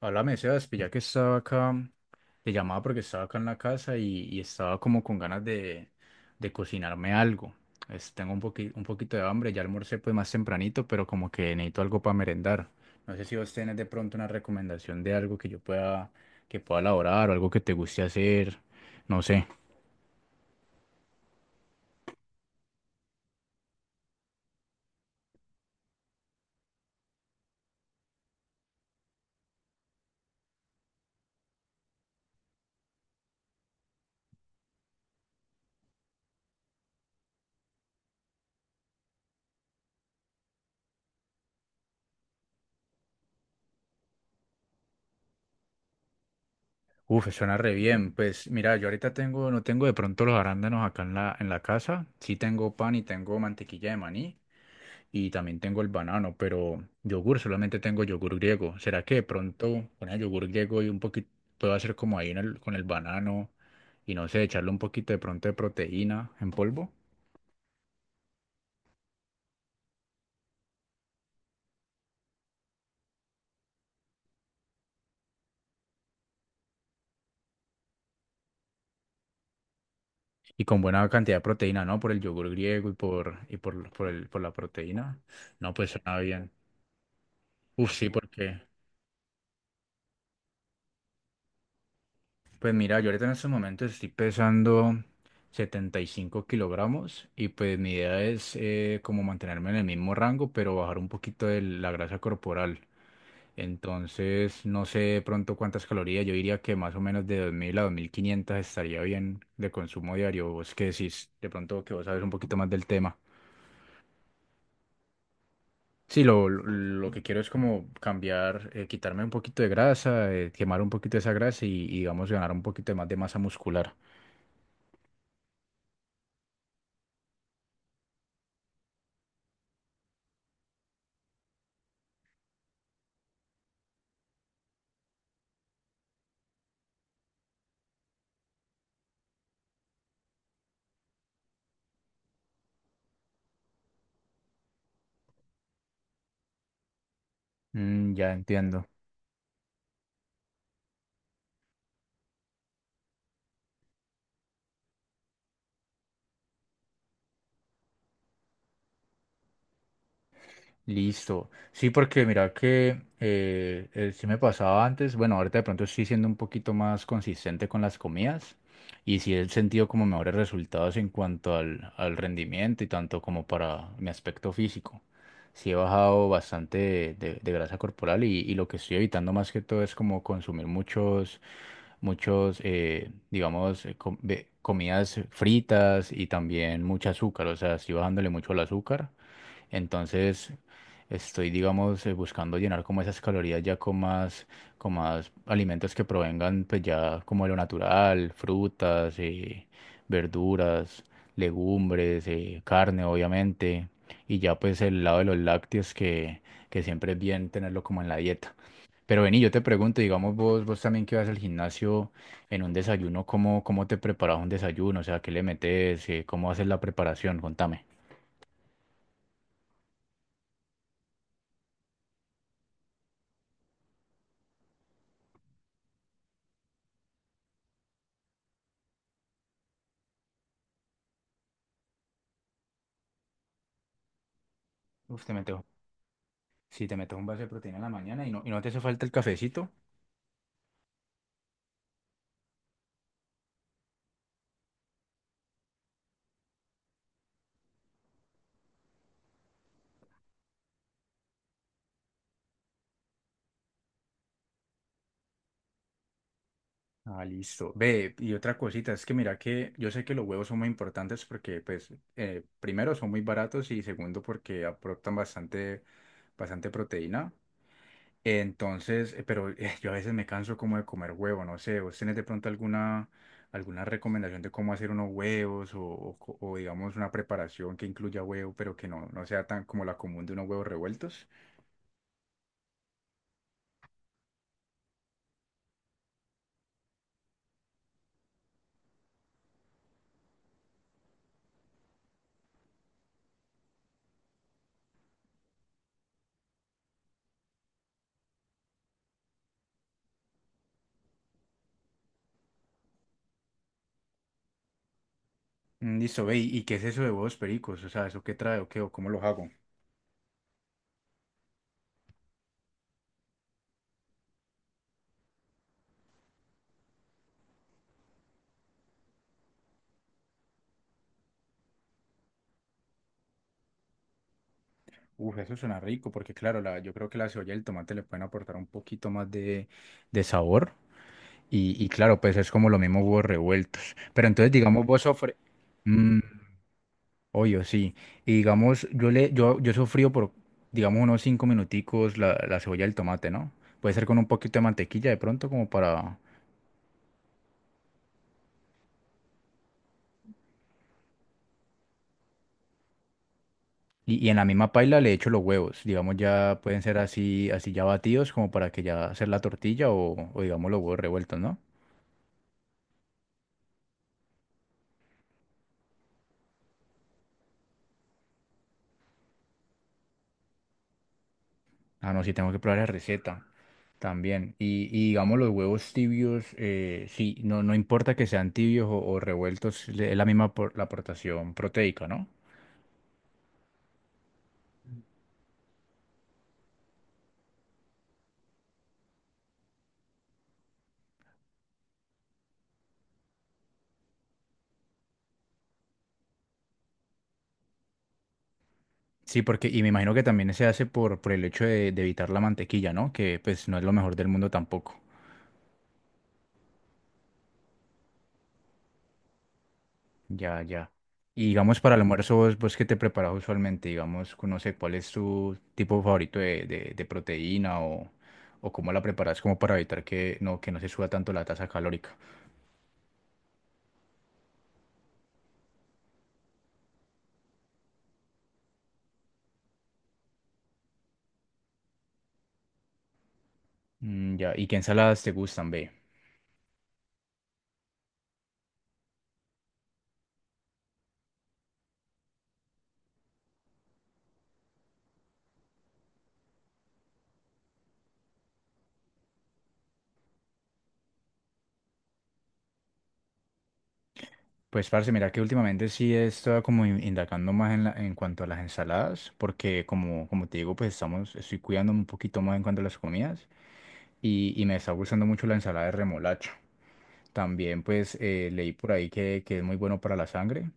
Háblame, Sebas, pues ya que estaba acá, te llamaba porque estaba acá en la casa y estaba como con ganas de cocinarme algo. Tengo un un poquito de hambre, ya almorcé pues más tempranito, pero como que necesito algo para merendar. No sé si vos tenés de pronto una recomendación de algo que yo que pueda elaborar o algo que te guste hacer, no sé. Uf, suena re bien. Pues mira, yo ahorita no tengo de pronto los arándanos acá en en la casa. Sí tengo pan y tengo mantequilla de maní, y también tengo el banano, pero yogur solamente tengo yogur griego. ¿Será que de pronto con el yogur griego y un poquito puedo hacer como ahí en con el banano y no sé, echarle un poquito de pronto de proteína en polvo? Y con buena cantidad de proteína, ¿no? Por el yogur griego por la proteína. No, pues suena bien. Uf, sí, pues mira, yo ahorita en estos momentos estoy pesando 75 kilogramos y pues mi idea es como mantenerme en el mismo rango, pero bajar un poquito de la grasa corporal. Entonces, no sé de pronto cuántas calorías. Yo diría que más o menos de 2000 a 2500 estaría bien de consumo diario. Vos que decís, de pronto que vos sabes un poquito más del tema. Sí, lo que quiero es como cambiar, quitarme un poquito de grasa, quemar un poquito esa grasa y digamos, ganar un poquito de más de masa muscular. Mm, ya entiendo. Listo. Sí, porque mira que sí me pasaba antes, bueno, ahorita de pronto estoy siendo un poquito más consistente con las comidas y sí he sentido como mejores resultados en cuanto al rendimiento y tanto como para mi aspecto físico. Sí he bajado bastante de grasa corporal y lo que estoy evitando más que todo es como consumir muchos, digamos, comidas fritas y también mucho azúcar, o sea, estoy bajándole mucho al azúcar. Entonces, estoy, digamos, buscando llenar como esas calorías con con más alimentos que provengan, pues ya como de lo natural, frutas, verduras, legumbres, carne, obviamente, y ya pues el lado de los lácteos que siempre es bien tenerlo como en la dieta. Pero vení, yo te pregunto, digamos vos también que vas al gimnasio en un desayuno, ¿cómo te preparas un desayuno? O sea, ¿qué le metes? ¿Cómo haces la preparación? Contame. Usted, si te metes un vaso de proteína en la mañana y no te hace falta el cafecito, ah, listo. Ve, y otra cosita, es que mira que yo sé que los huevos son muy importantes porque, pues, primero son muy baratos y segundo porque aportan bastante proteína. Entonces, yo a veces me canso como de comer huevo, no sé, ¿vos tenés de pronto alguna recomendación de cómo hacer unos huevos o digamos una preparación que incluya huevo, pero que no sea tan como la común de unos huevos revueltos? Mm, listo, ve, ¿y qué es eso de huevos pericos? O sea, ¿eso qué trae o qué o cómo los hago? Uf, eso suena rico porque claro, yo creo que la cebolla y el tomate le pueden aportar un poquito más de sabor y claro, pues es como lo mismo huevos revueltos. Pero entonces, digamos, vos sofre... Mm, obvio, sí. Y digamos, yo sofrío digamos, unos cinco minuticos la cebolla y el tomate, ¿no? Puede ser con un poquito de mantequilla de pronto como para... Y, y en la misma paila le echo los huevos. Digamos, ya pueden ser así ya batidos, como para que ya hacer la tortilla o digamos los huevos revueltos, ¿no? Ah, no, sí tengo que probar la receta también. Y digamos los huevos tibios, no importa que sean tibios o revueltos, es la misma la aportación proteica, ¿no? Sí, porque, y me imagino que también se hace por el hecho de evitar la mantequilla, ¿no? Que pues no es lo mejor del mundo tampoco. Ya, ya. Y digamos, para el almuerzo, vos qué te preparas usualmente? Digamos, no sé, ¿cuál es tu tipo favorito de proteína o cómo la preparas como para evitar que no se suba tanto la tasa calórica? Mm, ya, ¿y qué ensaladas te gustan, ve? Pues, parce, mira que últimamente sí he estado como indagando más en, en cuanto a las ensaladas, porque como te digo, pues estoy cuidándome un poquito más en cuanto a las comidas y me está gustando mucho la ensalada de remolacha. También pues leí por ahí que es muy bueno para la sangre.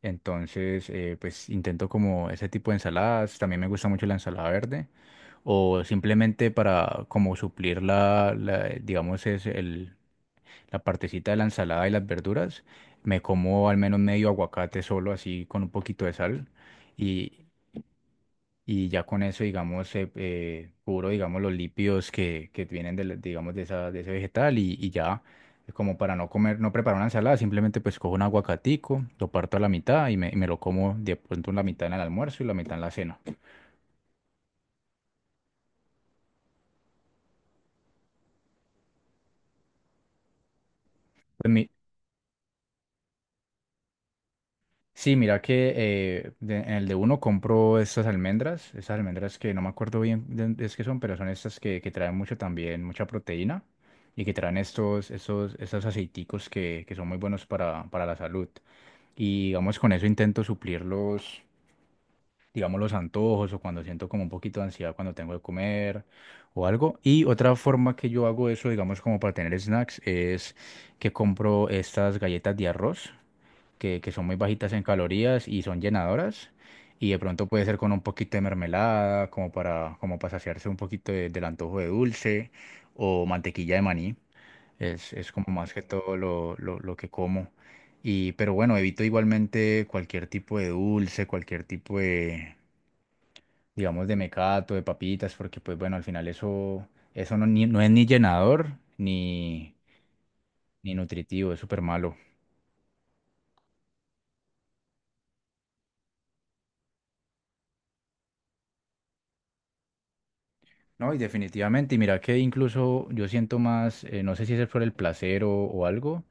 Entonces, pues intento como ese tipo de ensaladas. También me gusta mucho la ensalada verde. O simplemente para como suplir digamos, la partecita de la ensalada y las verduras, me como al menos medio aguacate solo así con un poquito de sal y ya con eso, digamos, cubro, digamos, los lípidos que vienen de, digamos, de, de ese vegetal y ya, como para no comer, no preparar una ensalada, simplemente pues cojo un aguacatico, lo parto a la mitad y me lo como de pronto la mitad en el almuerzo y la mitad en la cena. Pues mi, Sí, mira que en el de uno compro estas estas almendras que no me acuerdo bien de qué son, pero son estas que traen mucho también, mucha proteína y que traen estos aceiticos que son muy buenos para la salud. Y digamos, con eso intento suplir digamos, los antojos o cuando siento como un poquito de ansiedad cuando tengo de comer o algo. Y otra forma que yo hago eso, digamos, como para tener snacks, es que compro estas galletas de arroz que son muy bajitas en calorías y son llenadoras. Y de pronto puede ser con un poquito de mermelada, como como para saciarse un poquito del antojo de dulce o mantequilla de maní. Es como más que todo lo que como. Y, pero bueno, evito igualmente cualquier tipo de dulce, cualquier tipo digamos, de mecato, de papitas, porque pues bueno, al final eso, eso no es ni llenador ni, ni nutritivo, es súper malo. No, y definitivamente, y mira que incluso yo siento más, no sé si es por el placer o algo,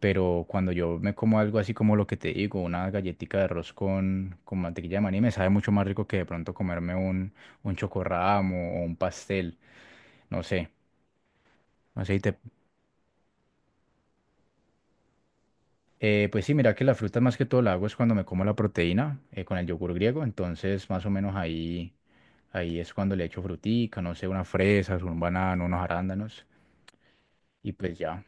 pero cuando yo me como algo así como lo que te digo, una galletica de arroz con mantequilla de maní, me sabe mucho más rico que de pronto comerme un chocorramo o un pastel, no sé, no sé, y te- pues sí, mira que la fruta más que todo la hago es cuando me como la proteína con el yogur griego, entonces más o menos ahí es cuando le echo frutica, no sé, unas fresas, un banano, unos arándanos, y pues ya.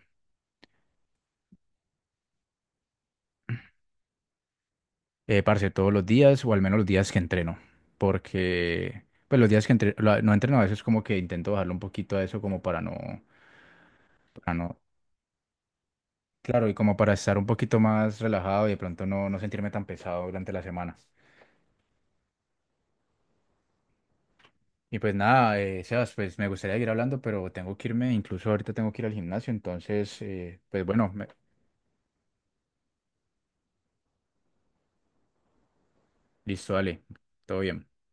Parce, todos los días, o al menos los días que entreno, porque pues los días que no entreno a veces como que intento bajarle un poquito a eso como para no, claro, y como para estar un poquito más relajado y de pronto no sentirme tan pesado durante la semana. Y pues nada, Sebas, pues me gustaría seguir hablando, pero tengo que irme, incluso ahorita tengo que ir al gimnasio, entonces, pues bueno, me... listo, dale, todo bien.